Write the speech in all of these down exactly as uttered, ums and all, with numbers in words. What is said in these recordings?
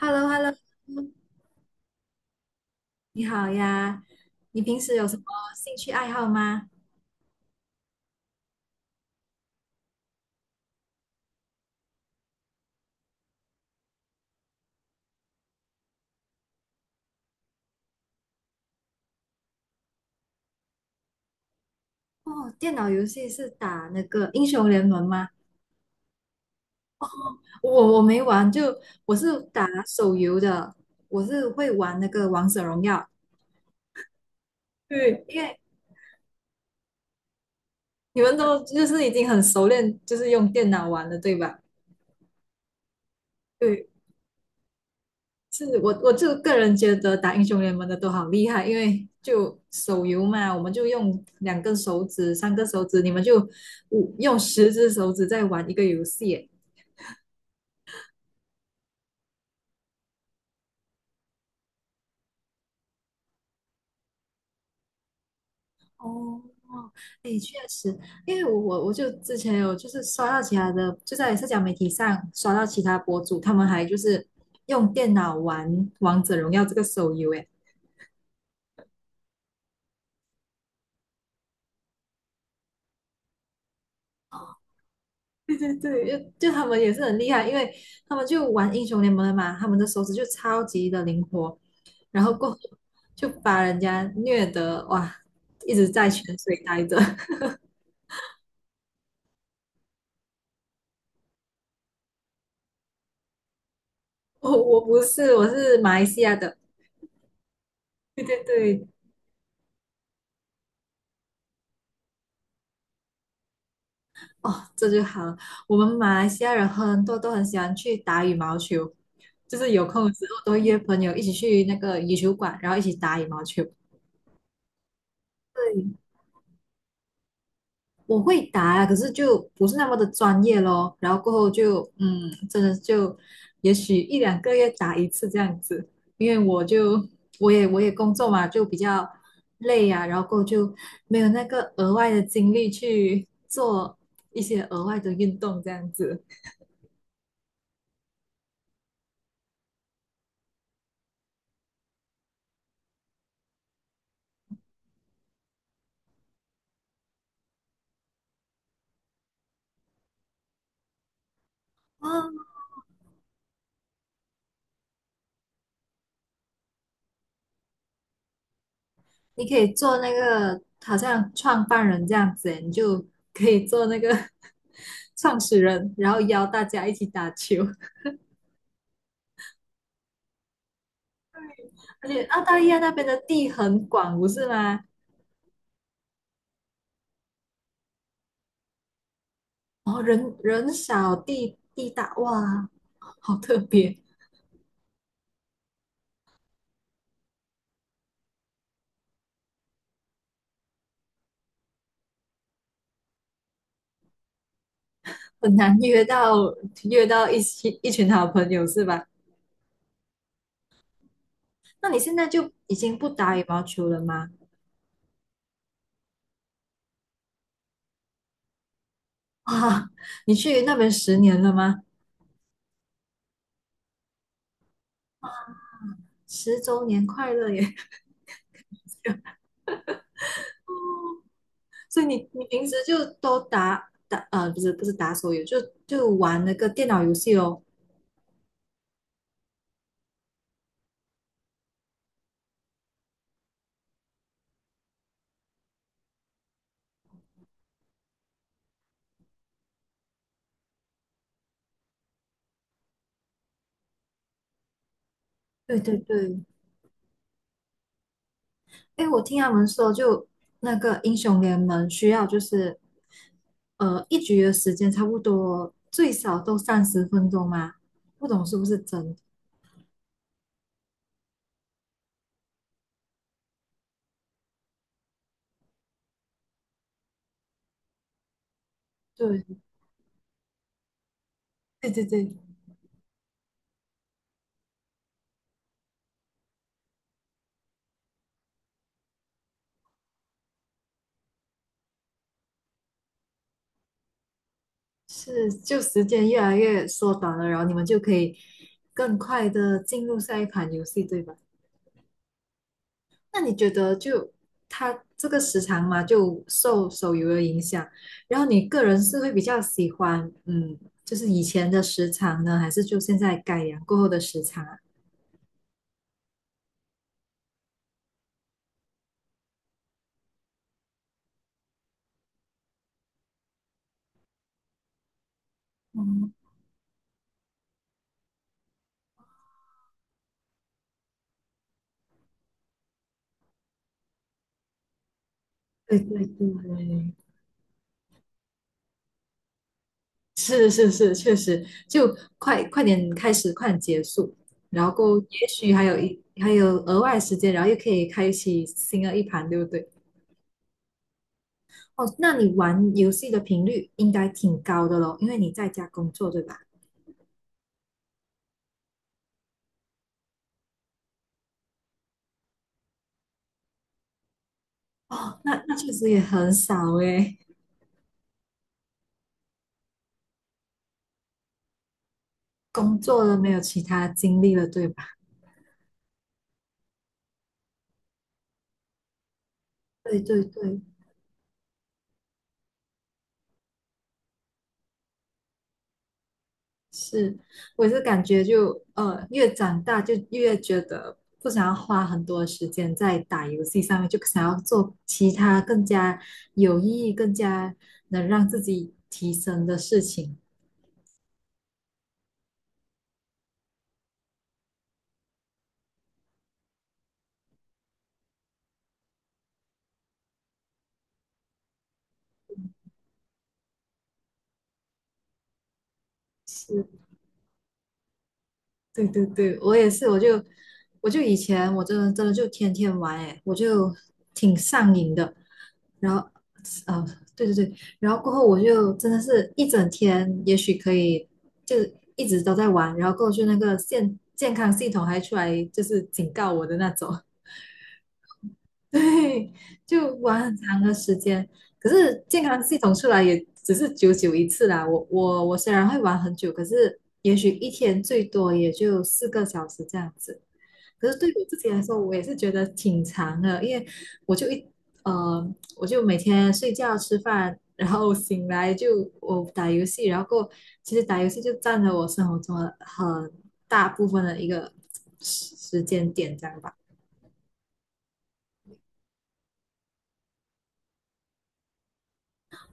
h e l l o h e l l o 你好呀。你平时有什么兴趣爱好吗？哦，电脑游戏是打那个英雄联盟吗？我我没玩，就我是打手游的，我是会玩那个王者荣耀。对，因为你们都就是已经很熟练，就是用电脑玩了，对吧？对。是我我就个人觉得打英雄联盟的都好厉害，因为就手游嘛，我们就用两根手指、三根手指，你们就五用十只手指在玩一个游戏。哦，哦，哎，确实，因为我我我就之前有就是刷到其他的，就在社交媒体上刷到其他博主，他们还就是用电脑玩《王者荣耀》这个手游，哎。对对对，就就他们也是很厉害，因为他们就玩英雄联盟的嘛，他们的手指就超级的灵活，然后过后就把人家虐得哇，一直在泉水待着。我我不是，我是马来西亚的。对对对，哦，这就好了。我们马来西亚人很多都很喜欢去打羽毛球，就是有空的时候都会约朋友一起去那个羽球馆，然后一起打羽毛球。对，我会打啊，可是就不是那么的专业咯。然后过后就嗯，真的就也许一两个月打一次这样子，因为我就我也我也工作嘛，就比较累啊，然后过后就没有那个额外的精力去做一些额外的运动这样子。哦，你可以做那个好像创办人这样子诶，你就可以做那个 创始人，然后邀大家一起打球。而且澳大利亚那边的地很广，不是吗？然后人人少地地大，哇，好特别。很难约到，约到一起一群好朋友是吧？那你现在就已经不打羽毛球了吗？哇，你去那边十年了吗？十周年快乐耶！所以你你平时就都打打呃不是不是打手游，就就玩那个电脑游戏哦。对对对，哎，我听他们说，就那个英雄联盟需要就是呃一局的时间差不多最少都三十分钟嘛，不懂是不是真的？对对对对，是就时间越来越缩短了，然后你们就可以更快的进入下一款游戏，对吧？那你觉得就它这个时长嘛，就受手游的影响，然后你个人是会比较喜欢嗯，就是以前的时长呢，还是就现在改良过后的时长啊？嗯，对对对，是是是，确实，就快快点开始，快点结束，然后也许还有一还有额外时间，然后又可以开启新的一盘，对不对？哦，那你玩游戏的频率应该挺高的咯，因为你在家工作，对吧？哦，那那确实也很少诶，工作了没有其他精力了，对吧？对对对。是，我也是感觉就呃，越长大就越觉得不想要花很多时间在打游戏上面，就想要做其他更加有意义、更加能让自己提升的事情。是。对对对，我也是，我就我就以前我真的真的就天天玩诶，我就挺上瘾的。然后，呃，对对对，然后过后我就真的是一整天，也许可以就是一直都在玩，然后过去那个健健康系统还出来就是警告我的那种。对，就玩很长的时间。可是健康系统出来也只是久久一次啦。我我我虽然会玩很久，可是也许一天最多也就四个小时这样子。可是对我自己来说，我也是觉得挺长的，因为我就一呃，我就每天睡觉、吃饭，然后醒来就我打游戏，然后过后其实打游戏就占了我生活中的很大部分的一个时时间点，这样吧。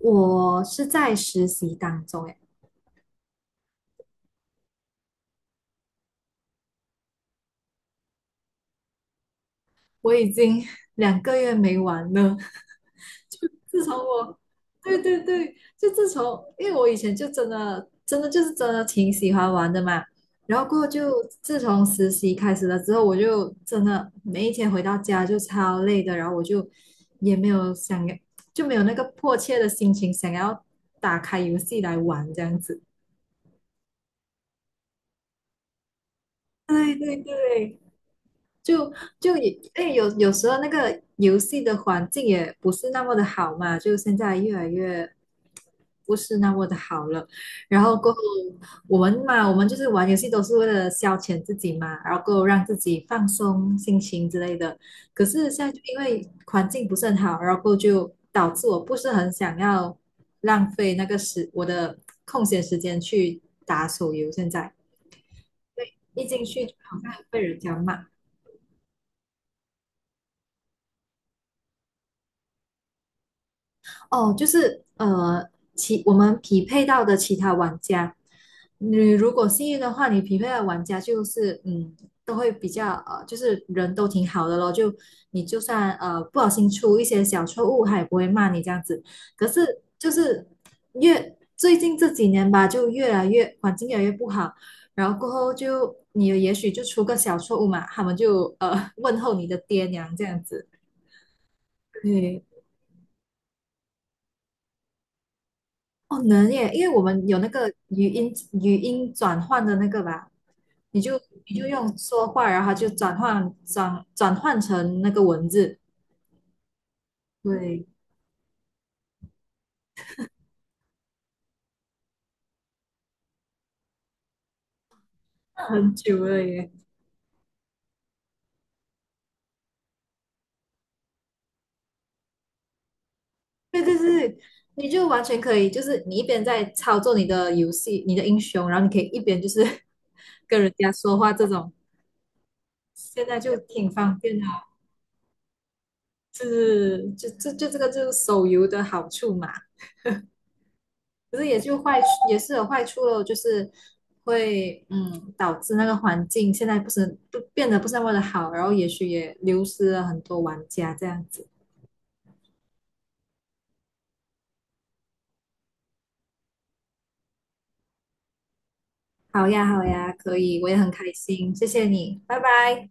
我是在实习当中，哎，我已经两个月没玩了。就自从我，对对对，就自从，因为我以前就真的真的就是真的挺喜欢玩的嘛。然后过后就自从实习开始了之后，我就真的每一天回到家就超累的，然后我就也没有想要，就没有那个迫切的心情想要打开游戏来玩这样子。对对对。就就也，哎，有有时候那个游戏的环境也不是那么的好嘛，就现在越来越不是那么的好了。然后过后我们嘛，我们就是玩游戏都是为了消遣自己嘛，然后过后让自己放松心情之类的。可是现在就因为环境不是很好，然后过后就导致我不是很想要浪费那个时我的空闲时间去打手游。现在对，一进去就好像被人家骂。哦，就是呃，其我们匹配到的其他玩家，你如果幸运的话，你匹配的玩家就是嗯，都会比较呃，就是人都挺好的咯，就你就算呃不小心出一些小错误，他也不会骂你这样子。可是就是越最近这几年吧，就越来越环境越来越不好，然后过后就你也许就出个小错误嘛，他们就呃问候你的爹娘这样子，对。哦，能耶，因为我们有那个语音语音转换的那个吧，你就你就用说话，然后它就转换转转换成那个文字，对，很久了耶，对对对，你就完全可以，就是你一边在操作你的游戏，你的英雄，然后你可以一边就是 跟人家说话这种，现在就挺方便的哦，是就就就这个就是手游的好处嘛，可是也就坏，也是有坏处咯，就是会嗯导致那个环境现在不是不变得不是那么的好，然后也许也流失了很多玩家这样子。好呀，好呀，可以，我也很开心，谢谢你，拜拜。